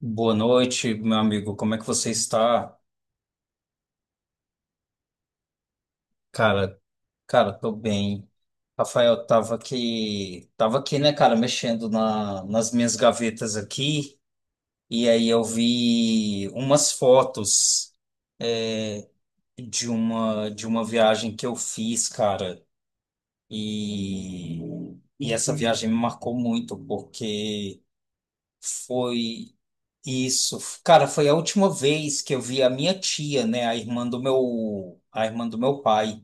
Boa noite, meu amigo. Como é que você está? Cara, cara, tô bem. Rafael, tava aqui, né, cara, mexendo nas minhas gavetas aqui, e aí eu vi umas fotos é, de uma viagem que eu fiz, cara. E, e essa viagem me marcou muito porque foi isso, cara, foi a última vez que eu vi a minha tia, né, a irmã do meu pai.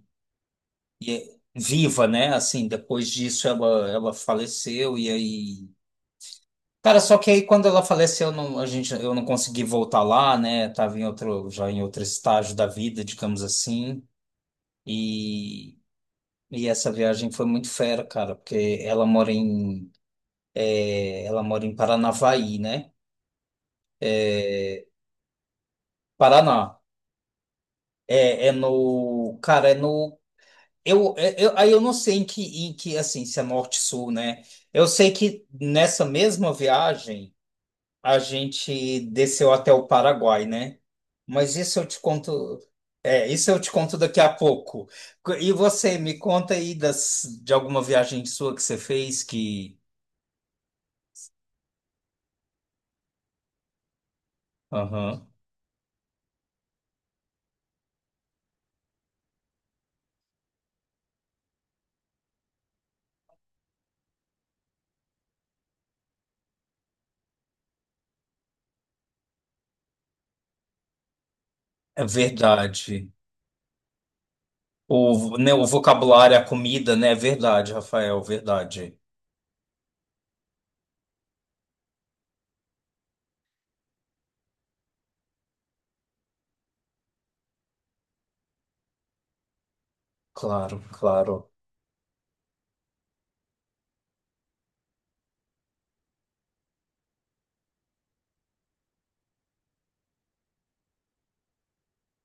E viva, né? Assim, depois disso ela faleceu e aí. Cara, só que aí quando ela faleceu, eu não, a gente, eu não consegui voltar lá, né? Tava em outro, já em outro estágio da vida, digamos assim. E, e essa viagem foi muito fera, cara, porque ela mora em Paranavaí, né? Paraná. É no, cara, é no, eu, aí eu não sei em que, assim, se é norte-sul, né? Eu sei que nessa mesma viagem a gente desceu até o Paraguai, né? Mas isso eu te conto. É, isso eu te conto daqui a pouco. E você, me conta aí de alguma viagem sua que você fez que. Aham. É verdade. O vocabulário, a comida, né? É verdade, Rafael, verdade. Claro, claro.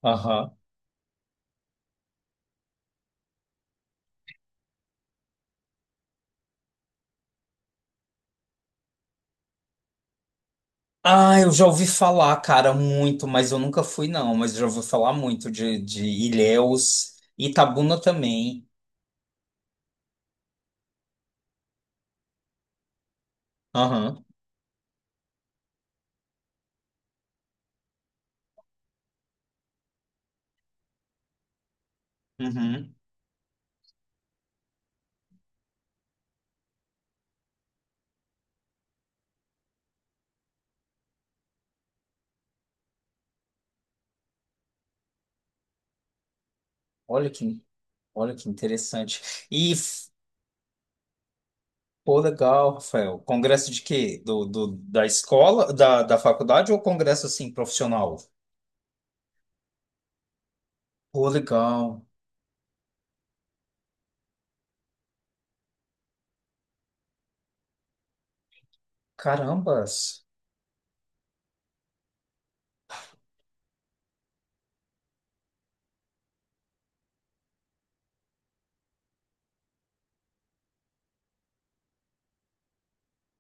Aham. Ah, eu já ouvi falar, cara, muito, mas eu nunca fui, não. Mas já ouvi falar muito de Ilhéus, Itabuna também. Aham. Uhum. Olha que, olha que interessante. E, f- Pô, legal, Rafael. Congresso de quê? Da escola, da faculdade ou congresso, assim, profissional? Pô, legal. Carambas.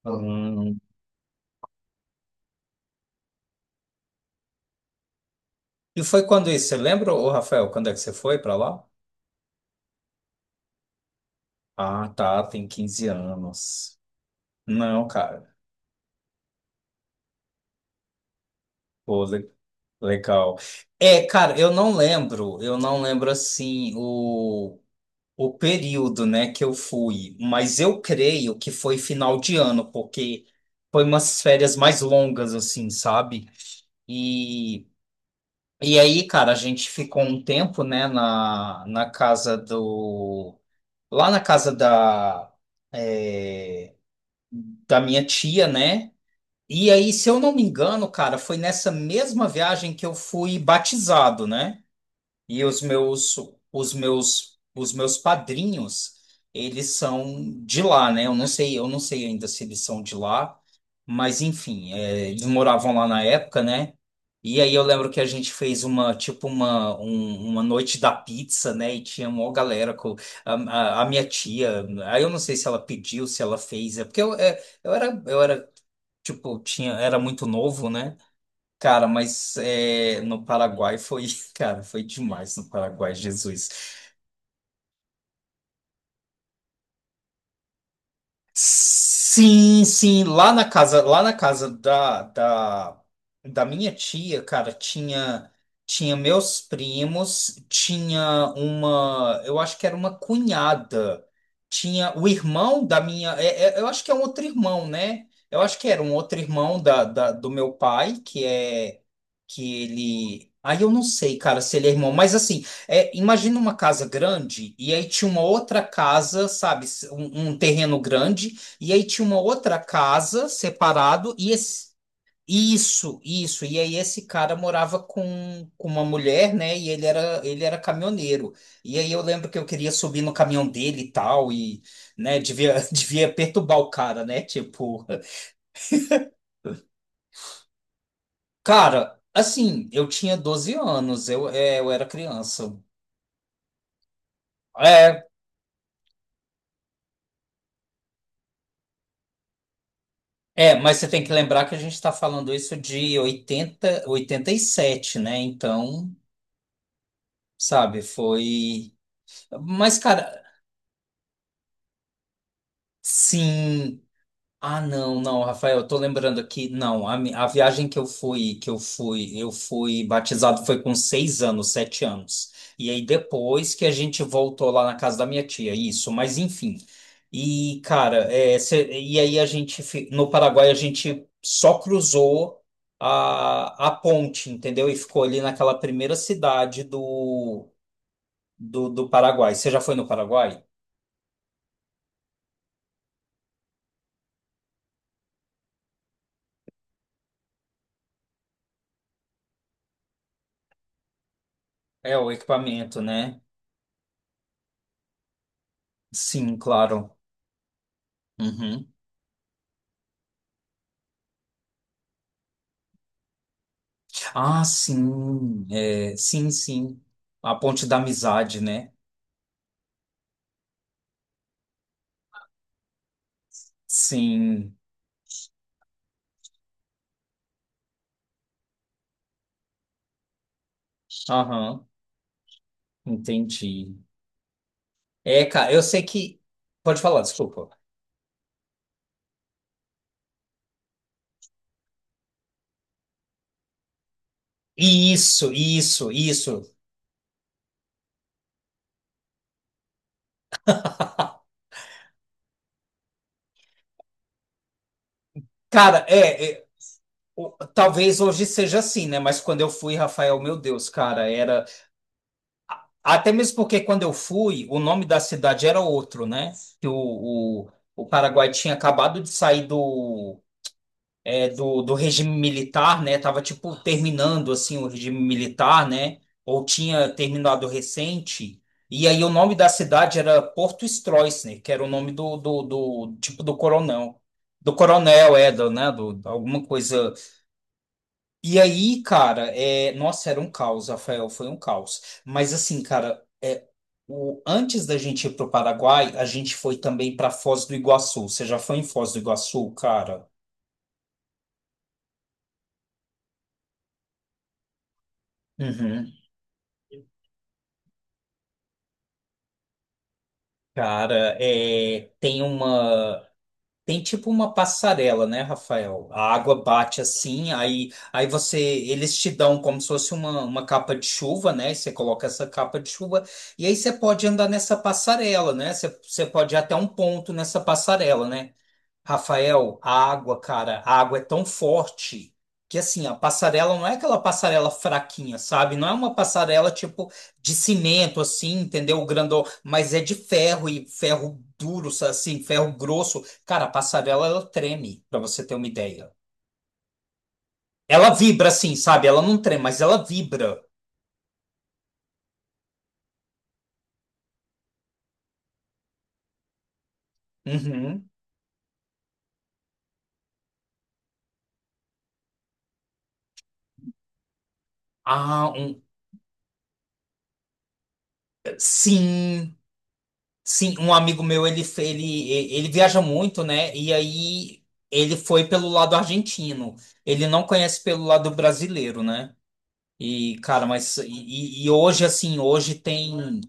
Hum. E foi quando isso? Você lembra, ô, Rafael, quando é que você foi pra lá? Ah, tá, tem 15 anos. Não, cara. Pô, legal. É, cara, eu não lembro. Eu não lembro, assim, o período, né, que eu fui, mas eu creio que foi final de ano, porque foi umas férias mais longas, assim, sabe? E, e aí, cara, a gente ficou um tempo, né, na casa do. Lá na casa da, é, da minha tia, né? E aí, se eu não me engano, cara, foi nessa mesma viagem que eu fui batizado, né? E os meus padrinhos, eles são de lá, né? Eu não sei ainda se eles são de lá, mas enfim, eles moravam lá na época, né? E aí eu lembro que a gente fez uma, tipo uma, uma noite da pizza, né? E tinha uma galera com a, a minha tia. Aí eu não sei se ela pediu, se ela fez, é porque eu era, tipo, tinha, era muito novo, né? Cara, mas no Paraguai foi, cara, foi demais no Paraguai, Jesus. Sim, sim, lá na casa da minha tia, cara, tinha meus primos, tinha uma, eu acho que era uma cunhada, tinha o irmão da minha, eu acho que é um outro irmão, né? Eu acho que era um outro irmão do meu pai, que é que ele, aí eu não sei, cara, se ele é irmão, mas assim. É, imagina uma casa grande e aí tinha uma outra casa, sabe, um terreno grande e aí tinha uma outra casa separado e isso, isso. E aí esse cara morava com uma mulher, né? E ele era caminhoneiro. E aí eu lembro que eu queria subir no caminhão dele e tal e, né? Devia devia perturbar o cara, né? Tipo, cara, assim, eu tinha 12 anos, eu era criança. É, É, mas você tem que lembrar que a gente está falando isso de 87, né? Então, sabe, foi. Mas, cara, sim. Ah, não, não, Rafael, eu tô lembrando aqui, não, a viagem eu fui batizado foi com 6 anos, 7 anos. E aí depois que a gente voltou lá na casa da minha tia, isso, mas enfim. E, cara, e aí a gente, no Paraguai, a gente só cruzou a ponte, entendeu? E ficou ali naquela primeira cidade do Paraguai. Você já foi no Paraguai? É, o equipamento, né? Sim, claro. Uhum. Ah, sim, sim, sim. A ponte da amizade, né? Sim, aham, entendi. É, cara, eu sei que. Pode falar, desculpa. Isso, isso, isso. Cara, talvez hoje seja assim, né? Mas quando eu fui, Rafael, meu Deus, cara, era. Até mesmo porque quando eu fui, o nome da cidade era outro, né? Que o, o Paraguai tinha acabado de sair do, do regime militar, né? Tava tipo terminando assim o regime militar, né? Ou tinha terminado recente. E aí o nome da cidade era Porto Stroessner, que era o nome do tipo do coronel. Do coronel, do, né? Do, alguma coisa. E aí, cara, nossa, era um caos, Rafael, foi um caos. Mas assim, cara, antes da gente ir pro Paraguai, a gente foi também para Foz do Iguaçu. Você já foi em Foz do Iguaçu, cara? Uhum. Cara, tem uma. Tem tipo uma passarela, né, Rafael? A água bate assim, aí você. Eles te dão como se fosse uma capa de chuva, né? Você coloca essa capa de chuva, e aí você pode andar nessa passarela, né? Você pode ir até um ponto nessa passarela, né? Rafael, a água, cara, a água é tão forte que assim, a passarela não é aquela passarela fraquinha, sabe? Não é uma passarela tipo de cimento assim, entendeu? Grandão, mas é de ferro e ferro duro, assim, ferro grosso. Cara, a passarela ela treme, pra você ter uma ideia. Ela vibra assim, sabe? Ela não treme, mas ela vibra. Uhum. Ah, sim. Sim, um amigo meu, ele viaja muito, né? E aí ele foi pelo lado argentino. Ele não conhece pelo lado brasileiro, né? E, cara, mas. E hoje, assim, hoje tem.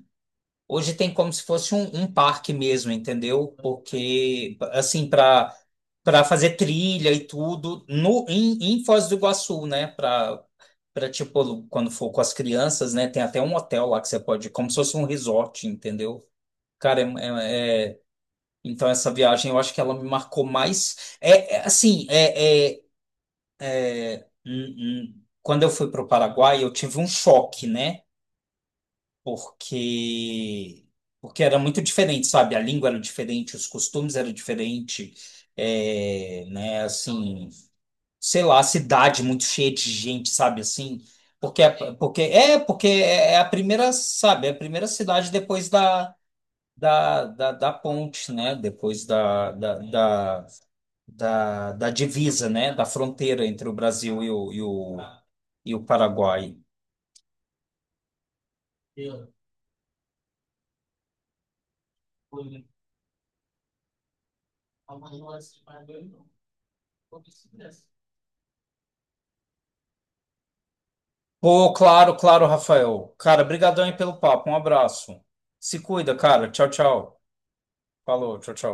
Hoje tem como se fosse um parque mesmo, entendeu? Porque, assim, para fazer trilha e tudo, no, em, em Foz do Iguaçu, né? Tipo, quando for com as crianças, né? Tem até um hotel lá que você pode. Como se fosse um resort, entendeu? Cara, então, essa viagem eu acho que ela me marcou mais. Assim, hum, quando eu fui para o Paraguai, eu tive um choque, né? Porque, porque era muito diferente, sabe? A língua era diferente, os costumes eram diferentes, né? Assim, sei lá, a cidade muito cheia de gente, sabe? Assim, porque, porque é a primeira, sabe? É a primeira cidade depois da ponte, né? Depois da divisa, né? Da fronteira entre o Brasil e o Paraguai. Pô, claro, claro, Rafael. Cara, brigadão aí pelo papo. Um abraço. Se cuida, cara. Tchau, tchau. Falou, tchau, tchau.